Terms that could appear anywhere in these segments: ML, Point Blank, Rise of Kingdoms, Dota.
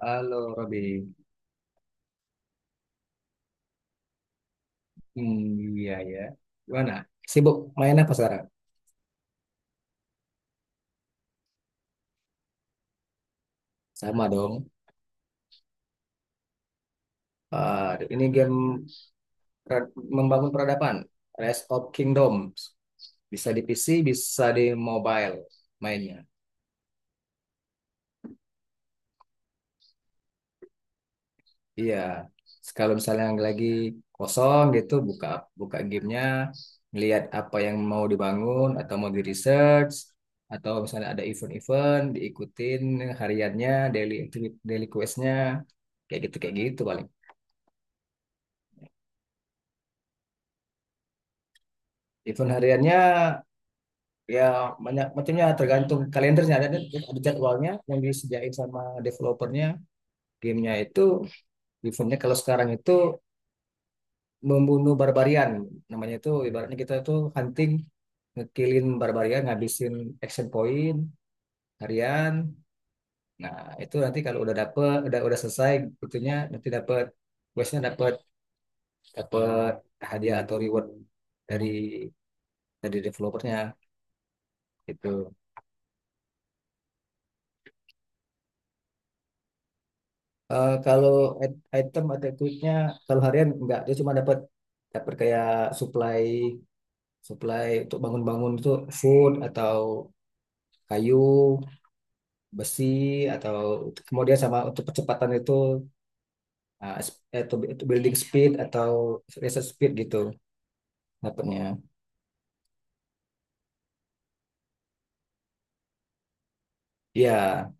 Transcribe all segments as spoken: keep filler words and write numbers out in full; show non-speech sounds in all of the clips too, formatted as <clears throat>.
Halo Robi. Hmm, iya ya. Gimana? Sibuk main apa sekarang? Sama dong. Ah, ini game pra- membangun peradaban. Rise of Kingdoms. Bisa di P C, bisa di mobile mainnya. Iya. Kalau misalnya yang lagi kosong gitu, buka buka gamenya, ngelihat apa yang mau dibangun atau mau di research, atau misalnya ada event-event diikutin hariannya, daily activity, daily questnya, kayak gitu kayak gitu paling. Event hariannya, ya, banyak macamnya tergantung kalendernya, ada ada jadwalnya yang disediain sama developernya gamenya itu. Eventnya kalau sekarang itu membunuh barbarian namanya. Itu ibaratnya kita itu hunting, ngekillin barbarian, ngabisin action point harian. Nah, itu nanti kalau udah dapet, udah udah selesai itunya, nanti dapet questnya, dapet dapet hadiah atau reward dari dari developernya itu. Eh, kalau it- item atau tweetnya, kalau harian enggak, dia cuma dapat dapat kayak supply, supply untuk bangun-bangun itu, food atau kayu, besi, atau kemudian sama untuk percepatan itu, ah, s- atau b- itu building speed atau research speed gitu dapatnya. Ya,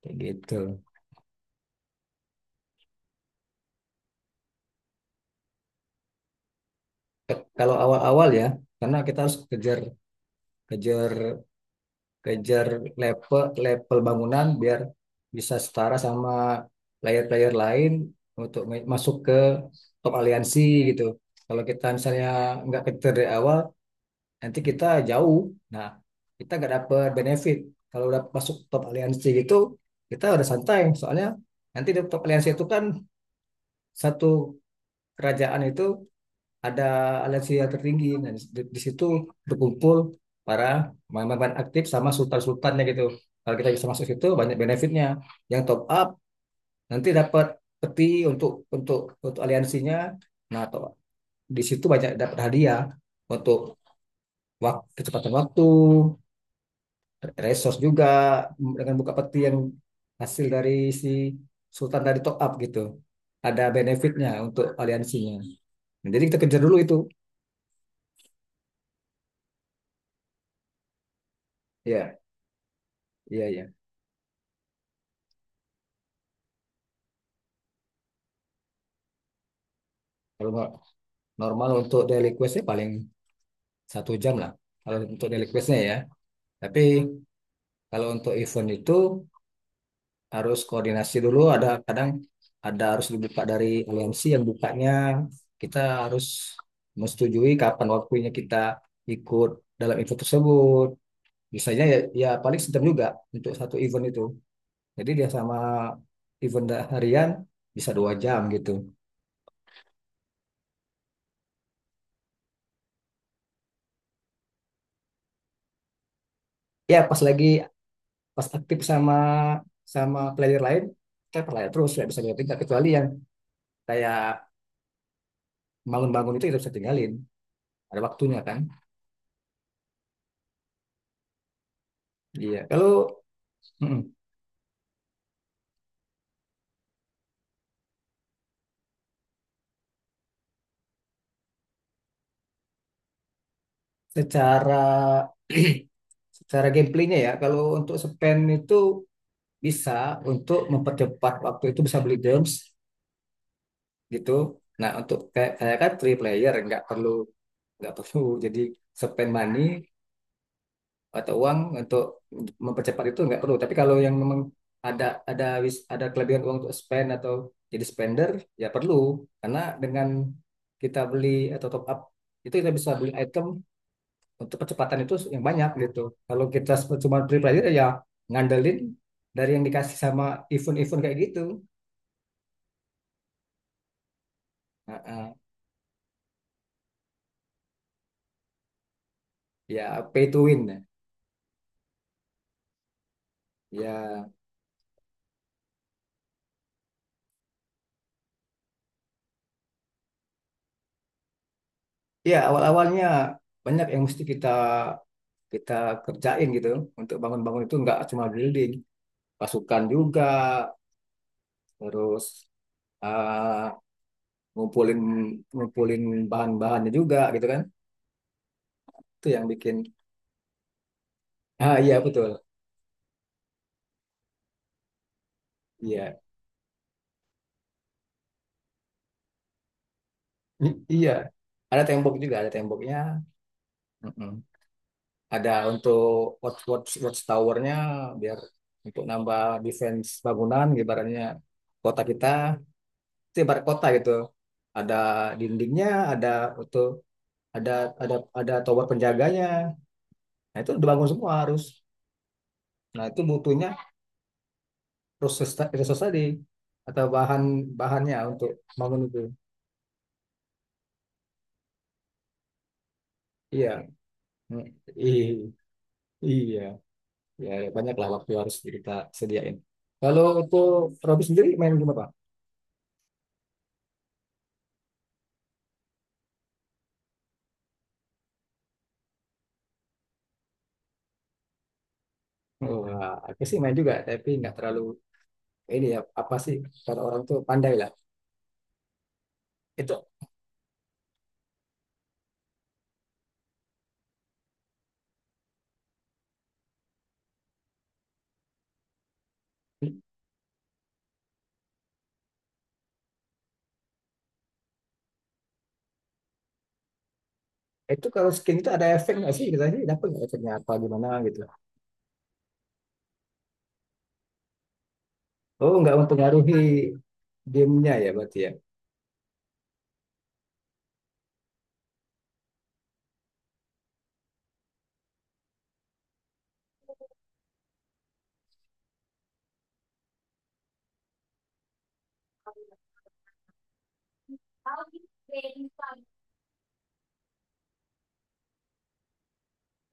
kayak gitu. Ke- kalau awal-awal ya, karena kita harus kejar kejar kejar level level bangunan biar bisa setara sama player-player lain untuk me- masuk ke top aliansi gitu. Kalau kita misalnya nggak kejar dari awal, nanti kita jauh. Nah, kita nggak dapet benefit. Kalau udah masuk top aliansi gitu, kita udah santai. Soalnya nanti di top aliansi itu kan satu kerajaan itu ada aliansi yang tertinggi. Nah, di, di- di situ berkumpul para pemain aktif sama sultan-sultannya gitu. Kalau kita bisa masuk situ banyak benefitnya. Yang top up nanti dapat peti untuk untuk untuk aliansinya. Nah, to- di situ banyak dapat hadiah untuk waktu, kecepatan waktu, resource juga dengan buka peti yang hasil dari si sultan dari top up gitu. Ada benefitnya untuk aliansinya. Nah, jadi kita kejar dulu itu. Iya, iya, iya. Kalau normal untuk daily questnya paling satu jam lah, kalau untuk daily questnya, ya. Tapi kalau untuk event itu harus koordinasi dulu, ada kadang ada harus dibuka dari aliansi yang bukanya, kita harus menyetujui kapan waktunya kita ikut dalam event tersebut. Biasanya, ya, ya, paling sejam juga untuk satu event itu. Jadi dia sama event harian bisa dua jam gitu. Ya, pas lagi pas aktif sama sama player lain, saya percaya terus nggak bisa ditinggal, kecuali yang kayak bangun-bangun itu kita bisa tinggalin, ada waktunya kan. Iya kalau, mm, secara <clears throat> secara gameplaynya, ya, kalau untuk spend itu bisa untuk mempercepat waktu, itu bisa beli gems gitu. Nah, untuk kayak saya kan three player nggak perlu, nggak perlu <laughs> jadi spend money atau uang untuk mempercepat itu nggak perlu. Tapi kalau yang memang ada ada wis- ada kelebihan uang untuk spend atau jadi spender, ya perlu. Karena dengan kita beli atau top up itu, kita bisa beli item untuk percepatan itu yang banyak gitu. Kalau kita cuma beli pelajar ya ngandelin dari yang dikasih sama event-event kayak gitu. Nah, ah. Ya, pay to win. Ya, ya, ya, awal-awalnya banyak yang mesti kita kita kerjain gitu untuk bangun-bangun itu, nggak cuma building, pasukan juga, terus, eh, ngumpulin ngumpulin bahan-bahannya juga gitu kan. Itu yang bikin. Ah, iya betul. Iya. I- Iya. Ada tembok juga, ada temboknya. Mm-mm. Ada untuk watch watch watch towernya biar untuk nambah defense bangunan, ibaratnya kota kita, itu ibarat kota gitu. Ada dindingnya, ada untuk ada ada ada tower penjaganya. Nah, itu dibangun semua harus. Nah, itu butuhnya proses, ta- resource tadi atau bahan bahannya untuk bangun itu. Iya. Mm, i- Iya. Ya, banyak lah waktu harus kita sediain. Kalau untuk Robi sendiri main gimana, Pak? Wah, aku sih main juga, tapi nggak terlalu, ini ya apa sih, kalau orang tuh pandai lah. Itu itu kalau skin itu ada efek nggak sih? Kita sih dapat nggak efeknya, apa gimana gitu? Oh, nggak mempengaruhi gamenya ya berarti ya.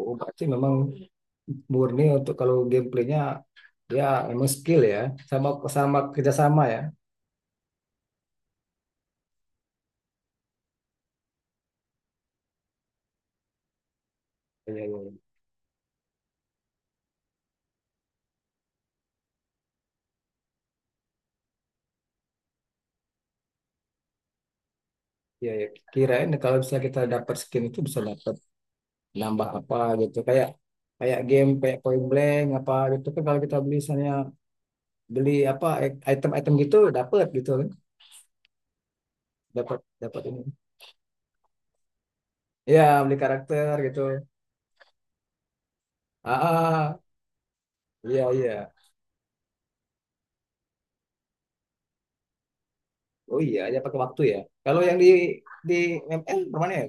Oh, berarti memang murni, untuk kalau gameplaynya, ya, emang skill ya, sama sama kerjasama ya. Iya, iya, iya. Ya, kirain kalau misalnya kita dapat skin itu bisa dapat nambah apa gitu, kayak kayak game kayak Point Blank apa gitu kan, kalau kita beli misalnya beli apa i- item-item gitu dapat gitu kan, dapat dapat ini. Iya, beli karakter gitu. Ah, ah. Iya, iya. Oh iya, ya pakai waktu ya. Kalau yang di di M L permanen.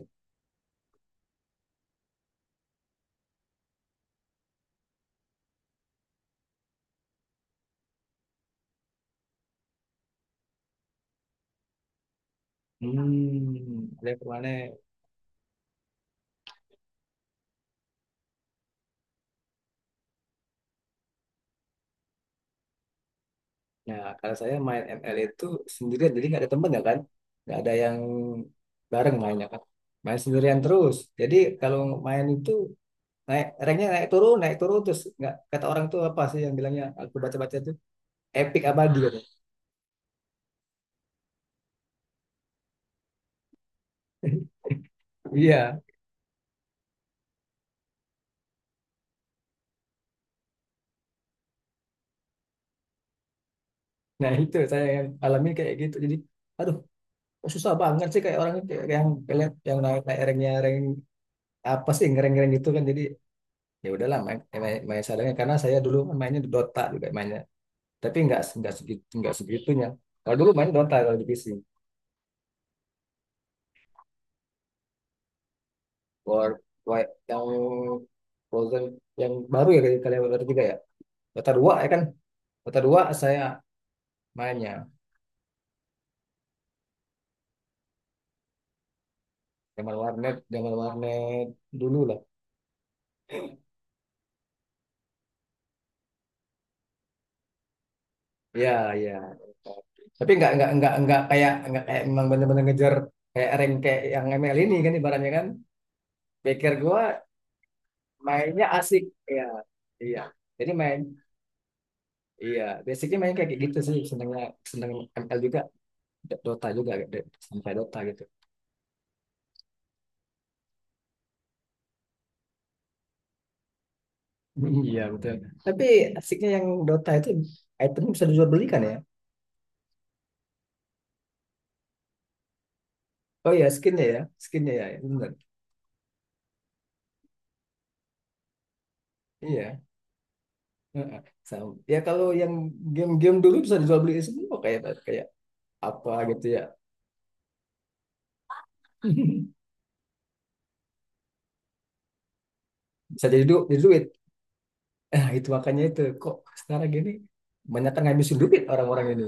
Hmm, ada yang permanen. Nah, kalau saya main M L itu sendirian, jadi nggak ada temen ya kan? Nggak ada yang bareng mainnya kan? Main sendirian terus. Jadi kalau main itu naik ranknya naik turun, naik turun terus, nggak, kata orang tuh apa sih yang bilangnya, aku baca-baca tuh, epic abadi katanya. Iya, nah itu saya yang alami kayak gitu. Jadi, aduh, kok susah banget sih, kayak orang kayak yang kalian yang naik naik ranknya, rank apa sih ngereng-ngereng gitu kan. Jadi ya udahlah, main, main, main seadanya, karena saya dulu kan mainnya di Dota juga main, tapi nggak nggak segitu, nggak segitunya. Kalau dulu main Dota kalau di P C. War, War yang Frozen yang baru ya, kali- kalian baru juga ya. Dota dua ya kan? Dota dua saya mainnya zaman warnet, zaman warnet dulu lah. Ya, ya, tapi nggak nggak nggak nggak kayak nggak kayak memang bener-bener ngejar, kayak rank kayak yang M L ini kan, ibaratnya kan, pikir gua mainnya asik. Ya, iya, jadi main, iya basicnya main kayak gitu sih senengnya, seneng M L juga, Dota juga, sampai Dota gitu. Iya betul. Tapi asiknya yang Dota itu itemnya bisa dijual belikan ya? Oh iya skinnya ya, skinnya ya, ya, benar. Iya. Sama. Ya kalau yang game-game dulu bisa dijual beli semua, kayak kayak apa gitu ya. <laughs> Bisa jadi duit, jadi duit. Nah, itu makanya itu kok sekarang gini banyak kan ngabisin duit orang-orang ini.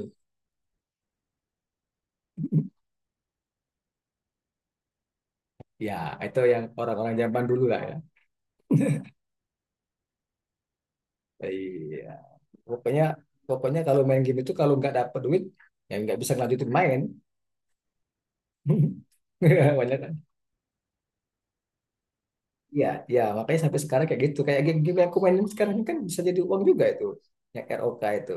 Ya, itu yang orang-orang zaman dulu lah ya. Iya. Pokoknya pokoknya kalau main game itu kalau nggak dapat duit ya nggak bisa ngelanjutin main. <laughs> Banyak kan? Iya, iya. Makanya sampai sekarang kayak gitu. Kayak game-game yang aku mainin sekarang ini kan bisa jadi uang juga itu. Yang R O K itu.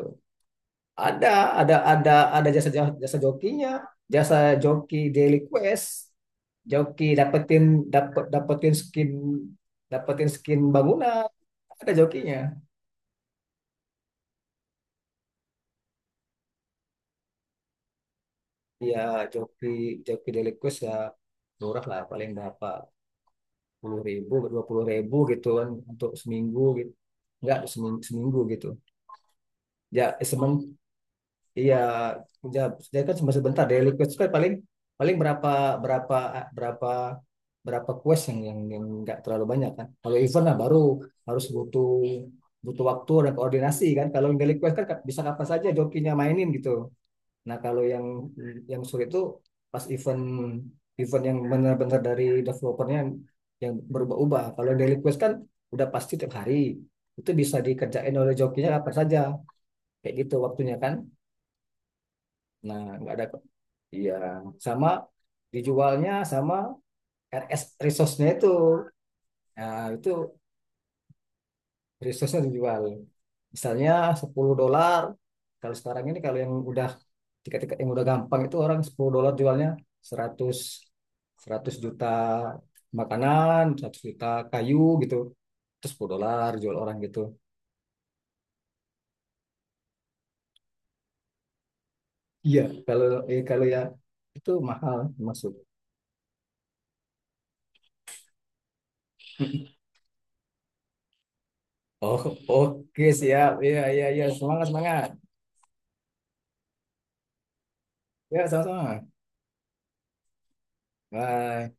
Ada, ada, ada, ada jasa jasa jokinya, jasa joki daily quest, joki dapetin dapet dapetin skin dapetin skin bangunan. Ada jokinya. Iya, joki joki daily quest ya, murah lah, paling berapa puluh ribu, dua puluh ribu gitu kan untuk seminggu gitu. Enggak, seminggu, seminggu gitu. Ya, eh, semen Iya, ya, dia kan cuma sebentar, daily quest kan paling paling berapa berapa berapa berapa quest yang yang yang nggak terlalu banyak kan. Kalau event lah baru harus butuh butuh waktu dan koordinasi kan. Kalau yang daily quest kan, kap- bisa kapan saja jokinya mainin gitu. Nah kalau yang yang sulit itu pas event event yang benar-benar dari developernya, yang yang berubah-ubah. Kalau yang daily quest kan udah pasti tiap hari itu bisa dikerjain oleh jokinya kapan saja, kayak gitu waktunya kan. Nah, nggak ada. Iya, sama dijualnya sama R S resource-nya itu. Nah, itu resource-nya dijual. Misalnya sepuluh dolar. Kalau sekarang ini kalau yang udah tiket-tiket yang udah gampang itu, orang sepuluh dolar jualnya seratus seratus juta makanan, seratus juta kayu gitu. Terus sepuluh dolar jual orang gitu. Iya, kalau eh, kalau ya itu mahal masuk. Oh, oke siap. Iya, iya, iya. Semangat, semangat. Ya, sama-sama. Bye.